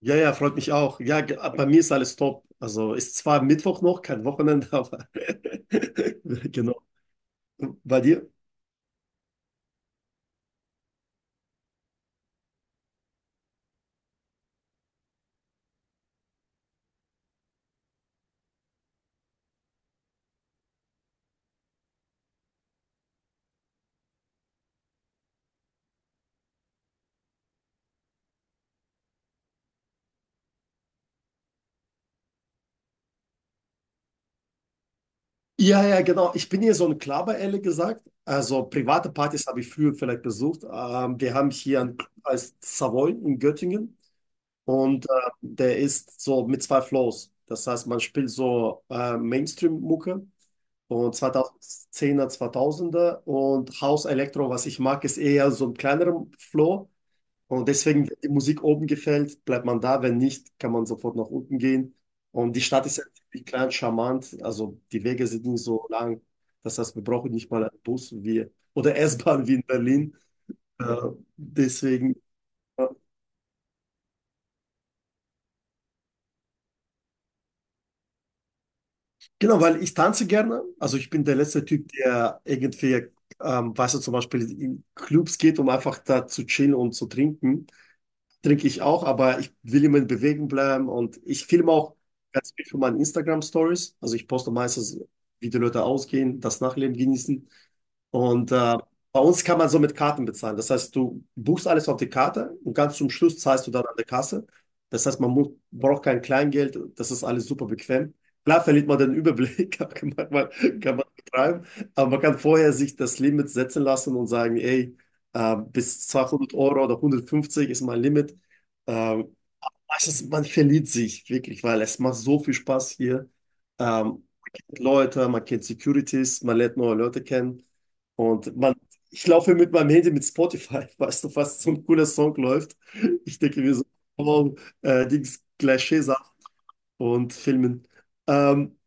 Ja, ja, freut mich auch. Ja, bei mir ist alles top. Also ist zwar Mittwoch noch, kein Wochenende, aber genau. Bei dir? Ja, ja, genau. Ich bin hier so ein Klaber, ehrlich gesagt. Also private Partys habe ich früher vielleicht besucht. Wir haben hier einen Club als Savoy in Göttingen und der ist so mit zwei Flows. Das heißt, man spielt so Mainstream-Mucke und 2010er, 2000er und House Electro, was ich mag, ist eher so ein kleinerer Flow. Und deswegen, wenn die Musik oben gefällt, bleibt man da. Wenn nicht, kann man sofort nach unten gehen. Und die Stadt ist ja ziemlich klein, charmant. Also die Wege sind nicht so lang. Das heißt, wir brauchen nicht mal einen Bus wie, oder S-Bahn wie in Berlin. Äh, deswegen, äh, genau, weil ich tanze gerne. Also ich bin der letzte Typ, der irgendwie, weißt du, zum Beispiel in Clubs geht, um einfach da zu chillen und zu trinken. Trinke ich auch, aber ich will immer in Bewegung bleiben und ich filme auch ganz viel für meine Instagram-Stories. Also ich poste meistens, wie die Leute ausgehen, das Nachleben genießen. Und bei uns kann man so mit Karten bezahlen. Das heißt, du buchst alles auf die Karte und ganz zum Schluss zahlst du dann an der Kasse. Das heißt, man muss, braucht kein Kleingeld. Das ist alles super bequem. Klar verliert man den Überblick, aber kann man betreiben. Aber man kann vorher sich das Limit setzen lassen und sagen, ey, bis 200 € oder 150 ist mein Limit. Äh, Es ist, man verliert sich wirklich, weil es macht so viel Spaß hier. Man kennt Leute, man kennt Securities, man lernt neue Leute kennen. Und man, ich laufe mit meinem Handy mit Spotify, weißt du, was so ein cooler Song läuft. Ich denke mir so, wow, Dings, gleich Schäfer und Filmen. Ähm,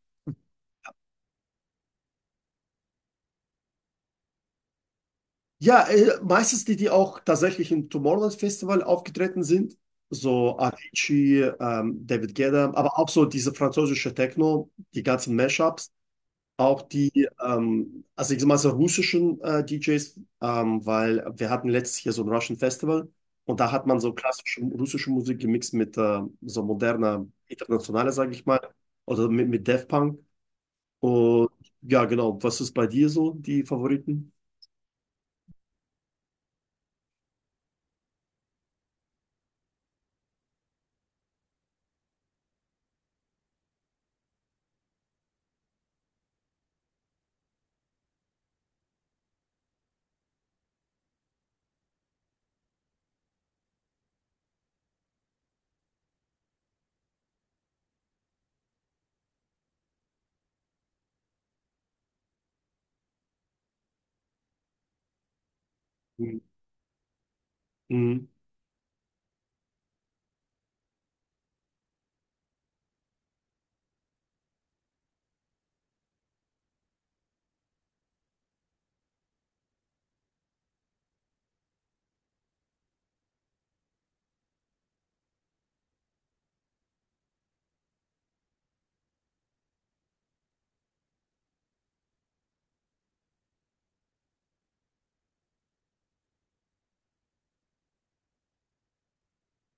ja, Meistens die, die auch tatsächlich im Tomorrowland Festival aufgetreten sind. So Avicii, David Guetta, aber auch so diese französische Techno, die ganzen Mashups. Auch die, also ich sag mal so russischen DJs, weil wir hatten letztes Jahr so ein Russian Festival und da hat man so klassische russische Musik gemixt mit so moderner, internationaler, sage ich mal, oder mit Daft Punk. Und ja, genau, was ist bei dir so, die Favoriten? Mhm. Mhm.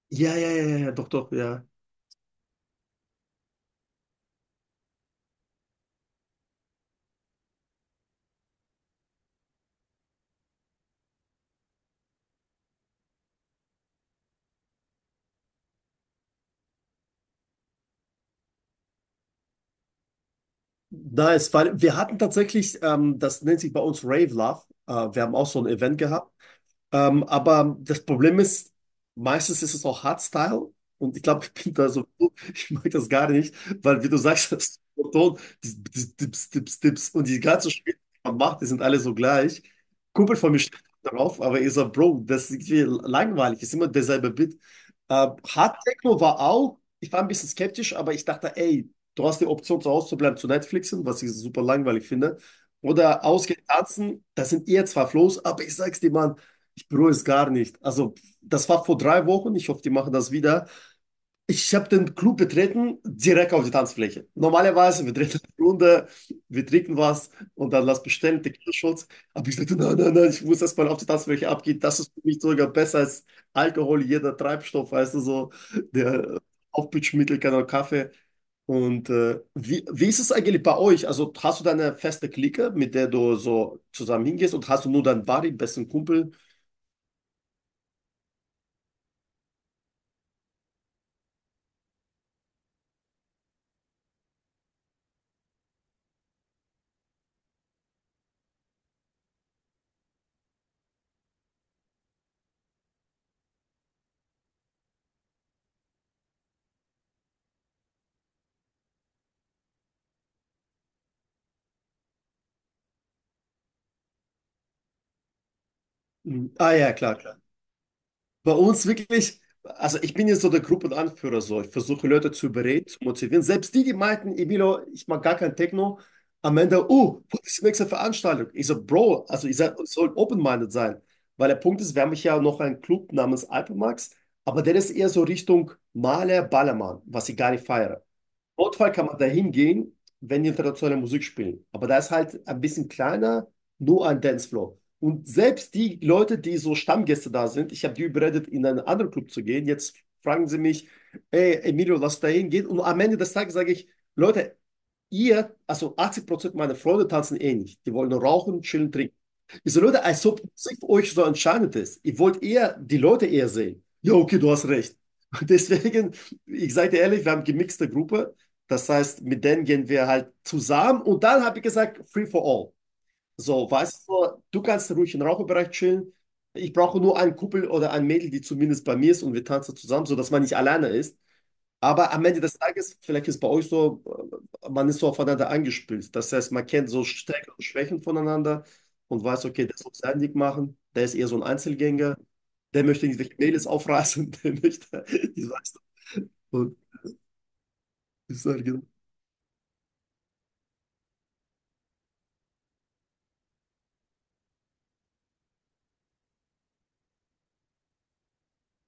Ja, ja, ja, ja, ja, doch, doch, ja. Nice, weil wir hatten tatsächlich, das nennt sich bei uns Rave Love. Wir haben auch so ein Event gehabt. Aber das Problem ist, meistens ist es auch Hardstyle und ich glaube, ich bin da so, ich mag das gar nicht, weil wie du sagst, das Ton, Dips, Dips, Dips und die ganzen Spiele, die man macht, die sind alle so gleich. Kumpel von mir steht darauf, aber ich sag, Bro, das ist irgendwie langweilig, ist immer derselbe Beat. Hard Techno war auch, ich war ein bisschen skeptisch, aber ich dachte, ey, du hast die Option, zu Hause zu bleiben, zu Netflixen, was ich super langweilig finde. Oder ausgehen tanzen, das sind eher zwar Flows, aber ich sag's dir, Mann, ich bereue es gar nicht. Also, das war vor 3 Wochen. Ich hoffe, die machen das wieder. Ich habe den Club betreten, direkt auf die Tanzfläche. Normalerweise, wir drehen eine Runde, wir trinken was und dann lass bestellen, Tequila-Shots. Aber ich dachte, nein, nein, nein, ich muss erstmal auf die Tanzfläche abgehen. Das ist für mich sogar besser als Alkohol, jeder Treibstoff, weißt du, so der Aufputschmittel, kein Kaffee. Und wie, ist es eigentlich bei euch? Also hast du deine feste Clique, mit der du so zusammen hingehst und hast du nur deinen Buddy, besten Kumpel? Mhm. Ah ja, klar, klar. Bei uns wirklich, also ich bin jetzt so der Gruppenanführer, so ich versuche Leute zu überreden, zu motivieren. Selbst die, die meinten, Emilio, ich mag gar kein Techno, am Ende, oh, wo ist die nächste Veranstaltung? Ich so, Bro, also ich soll open-minded sein. Weil der Punkt ist, wir haben ja noch einen Club namens Alpemax, aber der ist eher so Richtung Maler, Ballermann, was ich gar nicht feiere. Notfall kann man da hingehen, wenn die internationale Musik spielen. Aber da ist halt ein bisschen kleiner, nur ein Dancefloor. Und selbst die Leute, die so Stammgäste da sind, ich habe die überredet, in einen anderen Club zu gehen. Jetzt fragen sie mich, ey, Emilio, lass da hingehen. Und am Ende des Tages sage ich, Leute, ihr, also 80% meiner Freunde tanzen eh nicht. Die wollen nur rauchen, chillen, trinken. Ich so, Leute, als ob Musik für euch so entscheidend ist. Ihr wollt eher die Leute eher sehen. Ja, okay, du hast recht. Und deswegen, ich sage dir ehrlich, wir haben gemixte Gruppe. Das heißt, mit denen gehen wir halt zusammen. Und dann habe ich gesagt, free for all. So, weißt du, du kannst ruhig im Raucherbereich chillen. Ich brauche nur einen Kumpel oder ein Mädel, die zumindest bei mir ist und wir tanzen zusammen, sodass man nicht alleine ist. Aber am Ende des Tages, vielleicht ist bei euch so, man ist so aufeinander angespielt. Das heißt, man kennt so Stärken und Schwächen voneinander und weiß, okay, der soll sein Ding machen, der ist eher so ein Einzelgänger, der möchte irgendwelche Mädels aufreißen, der möchte, ich weiß nicht. Und ich sage,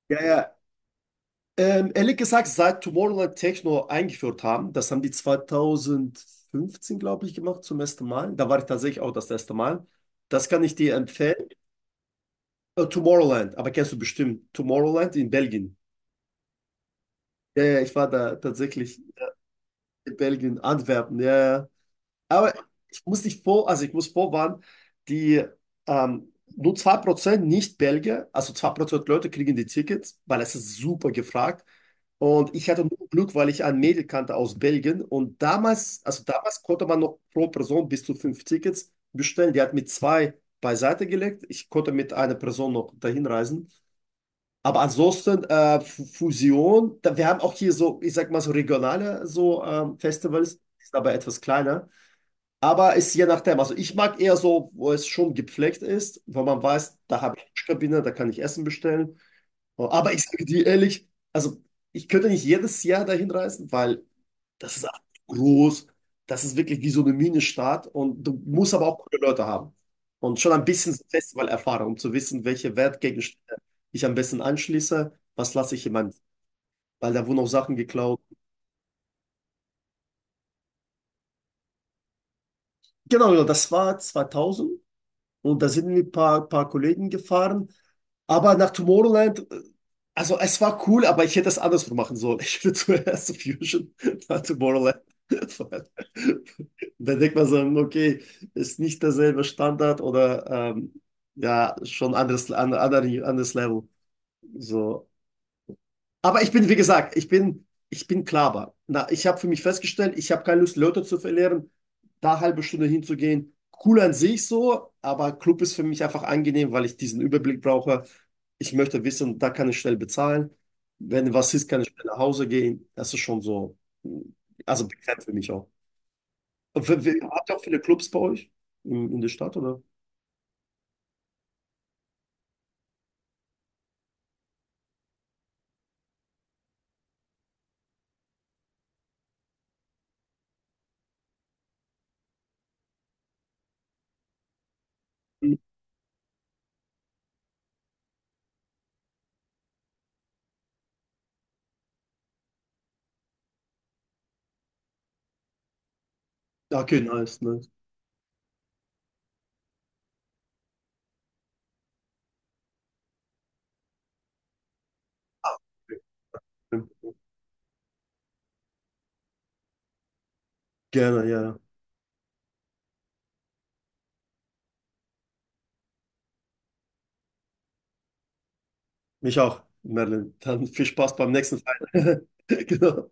ja, ja. Ehrlich gesagt, seit Tomorrowland Techno eingeführt haben, das haben die 2015, glaube ich, gemacht zum ersten Mal. Da war ich tatsächlich auch das erste Mal. Das kann ich dir empfehlen. Tomorrowland, aber kennst du bestimmt Tomorrowland in Belgien. Ja, ja, ich war da tatsächlich in Belgien, Antwerpen, ja, ja. Aber ich muss dich vor, also ich muss vorwarnen, die nur 2% Nicht-Belgier, also 2% Leute kriegen die Tickets, weil es ist super gefragt. Und ich hatte nur Glück, weil ich ein Mädel kannte aus Belgien. Und damals, also damals konnte man noch pro Person bis zu fünf Tickets bestellen. Die hat mit zwei beiseite gelegt. Ich konnte mit einer Person noch dahin reisen. Aber ansonsten Fusion, da, wir haben auch hier so, ich sag mal so regionale so Festivals, die sind aber etwas kleiner. Aber ist je nachdem. Also ich mag eher so, wo es schon gepflegt ist, wo man weiß, da habe ich Waschkabine, da kann ich Essen bestellen. Aber ich sage dir ehrlich, also ich könnte nicht jedes Jahr dahin reisen, weil das ist groß. Das ist wirklich wie so eine Minenstadt. Und du musst aber auch coole Leute haben. Und schon ein bisschen so Festivalerfahrung, um zu wissen, welche Wertgegenstände ich am besten anschließe. Was lasse ich in meinem, weil da wurden auch Sachen geklaut. Genau, genau, das war 2000. Und da sind wir ein paar Kollegen gefahren. Aber nach Tomorrowland, also es war cool, aber ich hätte es andersrum machen sollen. Ich hätte zuerst Fusion, dann Tomorrowland. Da denkt man so, okay, ist nicht derselbe Standard oder ja, schon anderes, anderes, anderes Level. So. Aber ich bin, wie gesagt, ich bin Klaber. Na, ich habe für mich festgestellt, ich habe keine Lust, Leute zu verlieren, da eine halbe Stunde hinzugehen. Cool an sich so, aber Club ist für mich einfach angenehm, weil ich diesen Überblick brauche. Ich möchte wissen, da kann ich schnell bezahlen. Wenn was ist, kann ich schnell nach Hause gehen. Das ist schon so, also bekannt für mich auch. Und habt ihr auch viele Clubs bei euch in der Stadt, oder? Mhm. Okay, nice, nice. Gerne, ja. Mich auch, Merlin. Dann viel Spaß beim nächsten Fight. Genau.